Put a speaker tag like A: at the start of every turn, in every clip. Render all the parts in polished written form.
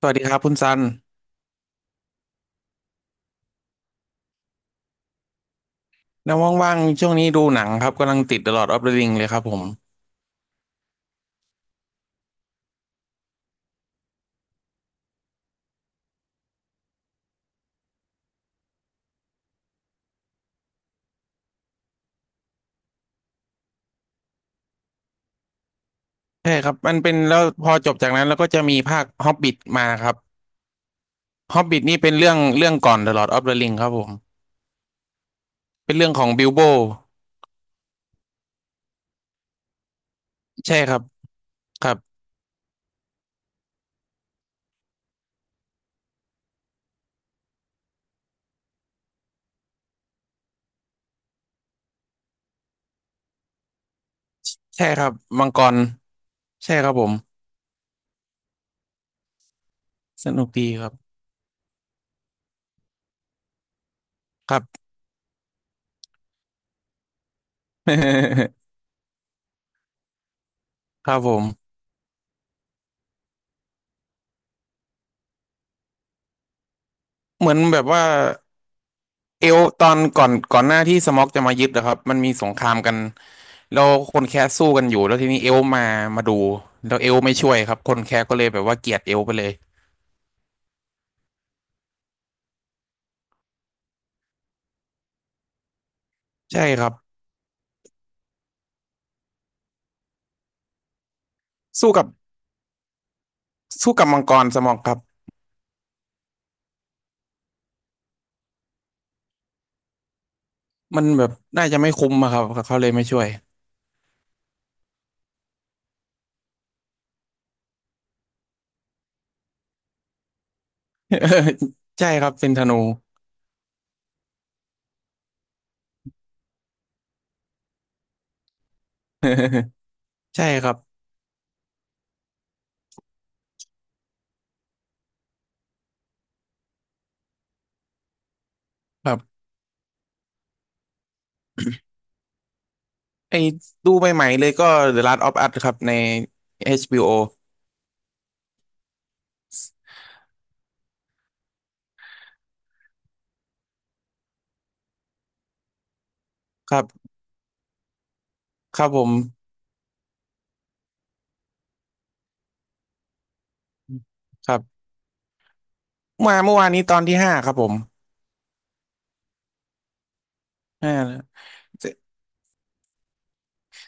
A: สวัสดีครับคุณซันแล้วว่างๆช่วงนี้ดูหนังครับกำลังติด The Lord of the Ring เลยครับผมใช่ครับมันเป็นแล้วพอจบจากนั้นแล้วก็จะมีภาค Hobbit มาครับ Hobbit นี่เป็นเรื่องก่อน The Lord of the Ring ครับผมเป็นเรื่องของบิลโบใช่ครับครับใช่ครับมังกรใช่ครับผมสนุกดีครับครับ ครับผมเหมือนแบบว่า เอลตอนก่อนหน้าที่สม็อกจะมายึดนะครับมันมีสงครามกันแล้วคนแคสสู้กันอยู่แล้วทีนี้เอลมามาดูแล้วเอลไม่ช่วยครับคนแคสก็เลยแบบว่าเกลียดเอลไปเลยใช่ครับสู้กับสู้กับมังกรสม็อกครับมันแบบน่าจะไม่คุ้มอะครับเขาเลยไม่ช่วย ใช่ครับเป็นธนู ใช่ครับครับไอ้ดูใหม่ๆเลยก็ The Last of Us ครับใน HBO ครับครับผมครับมาเมื่อวานนี้ตอนที่ห้าครับผมห้าแล้ว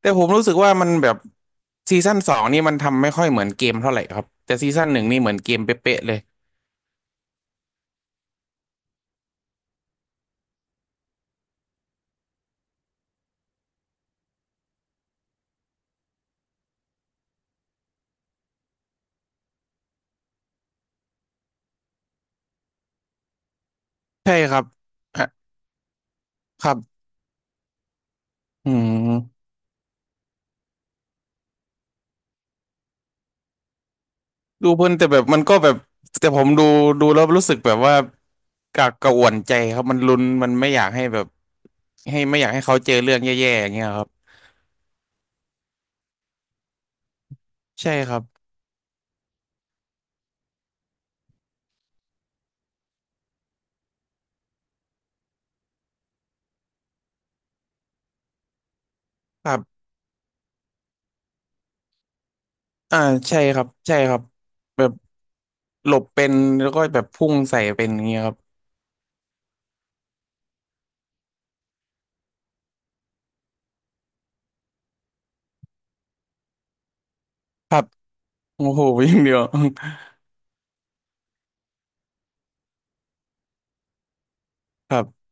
A: แต่ผมรู้สึกว่ามันแบบซีซั่นสองนี่มันทำไม่ค่อยเหมือนเกมเท่าไหร่ครับแต่ซีซั่นหนึ่งนี่เหมือนเกมเป๊ะๆเลยใช่ครับอ่ะครับอืมดูเพลินแต่แบบมันก็แบบแต่ผมดูดูแล้วรู้สึกแบบว่ากากกระอ่วนใจครับมันลุ้นมันไม่อยากให้แบบให้ไม่อยากให้เขาเจอเรื่องแย่ๆอย่างเงี้ยครับใช่ครับครับอ่าใช่ครับใช่ครับแบบหลบเป็นแล้วก็แบบพุ่งใส่เป็นอย่างเงี้ยครับครับโอ้โหอย่างเดียว ครับ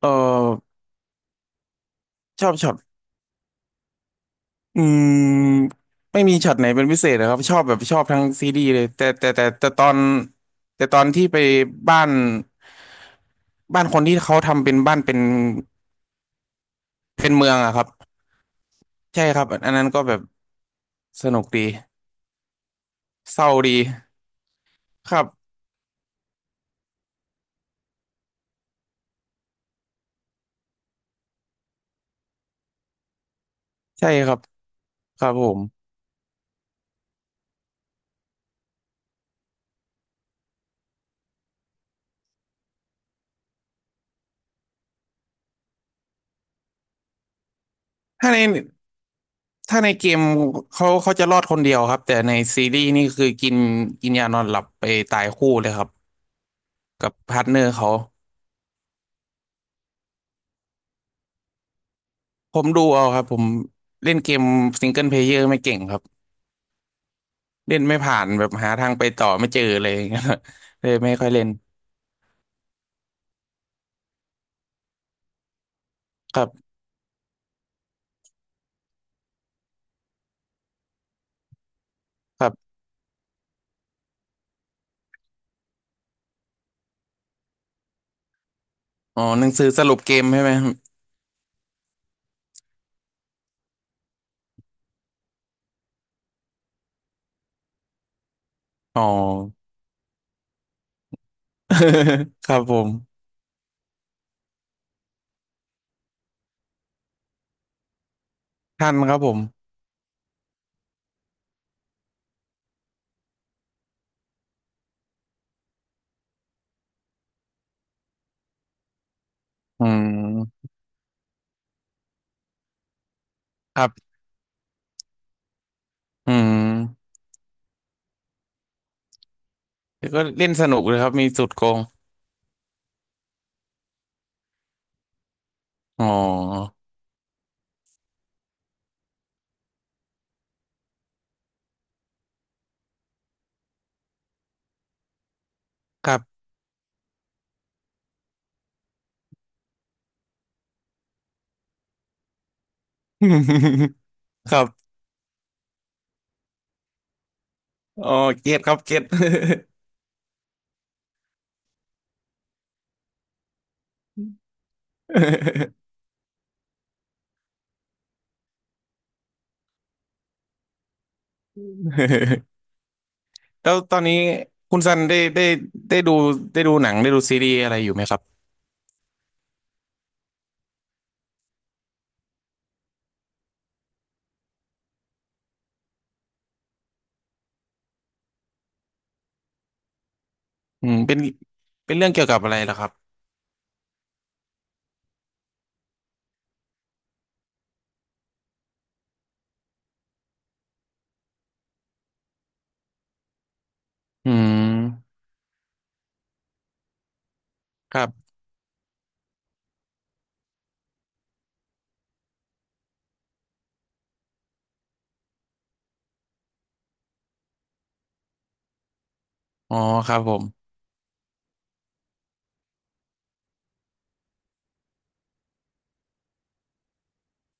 A: เออชอบช็อตอืมไม่มีช็อตไหนเป็นพิเศษนะครับชอบแบบชอบทั้งซีรีส์เลยแต่ตอนที่ไปบ้านบ้านคนที่เขาทำเป็นบ้านเป็นเป็นเมืองอะครับใช่ครับอันนั้นก็แบบสนุกดีเศร้าดีครับใช่ครับครับผมถ้าในถ้าในเกมเขาจะรอดคนเดียวครับแต่ในซีรีส์นี่คือกินกินยานอนหลับไปตายคู่เลยครับกับพาร์ทเนอร์เขา ผมดูเอาครับผมเล่นเกมซิงเกิลเพลเยอร์ไม่เก่งครับเล่นไม่ผ่านแบบหาทางไปต่อไม่เจอเลยอย่างเงี้ย เลยไม่ค่อยเล่นครับครับอ๋อหนังสือสรุปเกมใช่ไหมครับอ๋อ ครับผมทันครับผมอืมครับอืมแล้วก็เล่นสนุกเลยครับมีสุดโกงอ๋อครับ ครับอ๋อเก็ตครับเก็ต แล้วตอนนี้คุณซันได้ดูได้ดูหนังได้ดูซีรีส์อะไรอยู่ไหมครับ อืมเป็นเรื่องเกี่ยวกับอะไรเหรอครับอืมครับอ๋อครับผม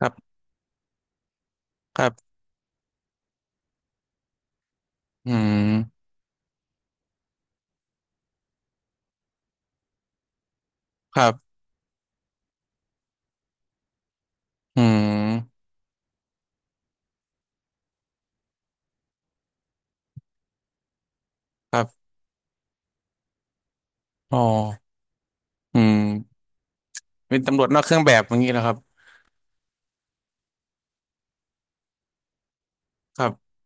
A: ครับครับอืมครับอืมครับอ๋ออืมเป็นตำรวจนอกเครื่องแบบอย่างนี้เหรอครับครับ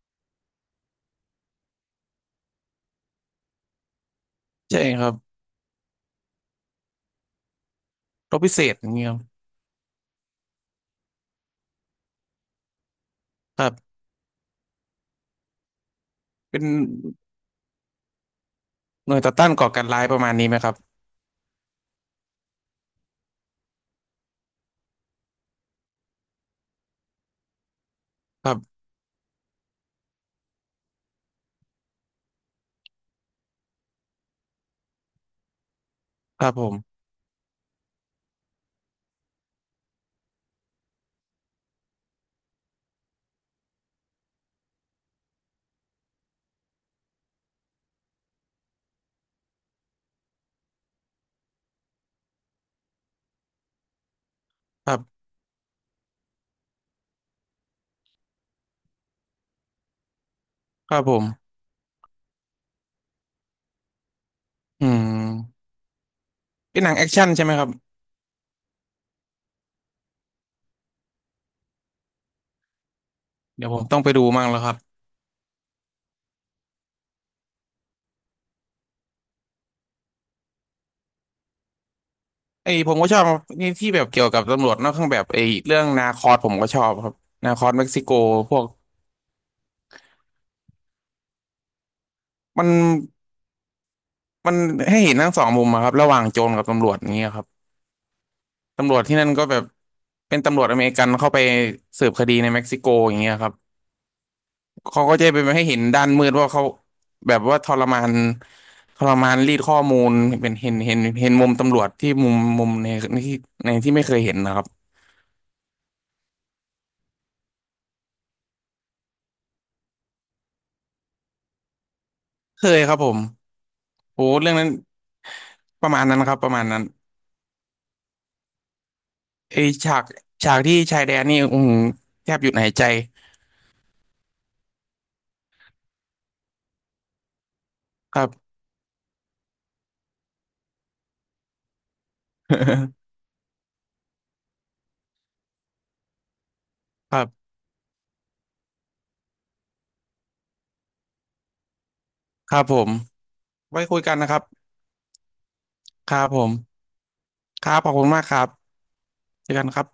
A: ใช่ครับรบพิเศษอย่างนี้ครับครับเป็นหน่วยต่อต้านก่อการร้ายประมาณนี้ไหมครับครับครับผมครับครับผมอืมเป็นหนังแอคชั่นใช่ไหมครับเดี๋ยวผมต้องไปดูมั่งแล้วครับ ไอ้ผมก็ชอบนี่ที่แบบเกี่ยวกับตำรวจนอกเครื่องแบบไอ้เรื่องนาคอสผมก็ชอบครับนาคอสเม็กซิโกพวกมันมันให้เห็นทั้งสองมุมอะครับระหว่างโจรกับตำรวจอย่างเงี้ยครับตำรวจที่นั่นก็แบบเป็นตำรวจอเมริกันเข้าไปสืบคดีในเม็กซิโกอย่างเงี้ยครับเขาก็จะไปให้เห็นด้านมืดว่าเขาแบบว่าทรมานทรมานรีดข้อมูลเป็นเห็นมุมตำรวจที่มุมในในที่ในที่ไม่เคยเห็นนะครับเคยครับผมโอ้เรื่องนั้นประมาณนั้นครับประมาณนั้น ไอฉากฉากที่ชายแดนนี่อืมแทบหยุดหายใจครับ ครับครับผมไว้คุยกันนะครับครับผมครับขอบคุณมากครับเจอกันครับ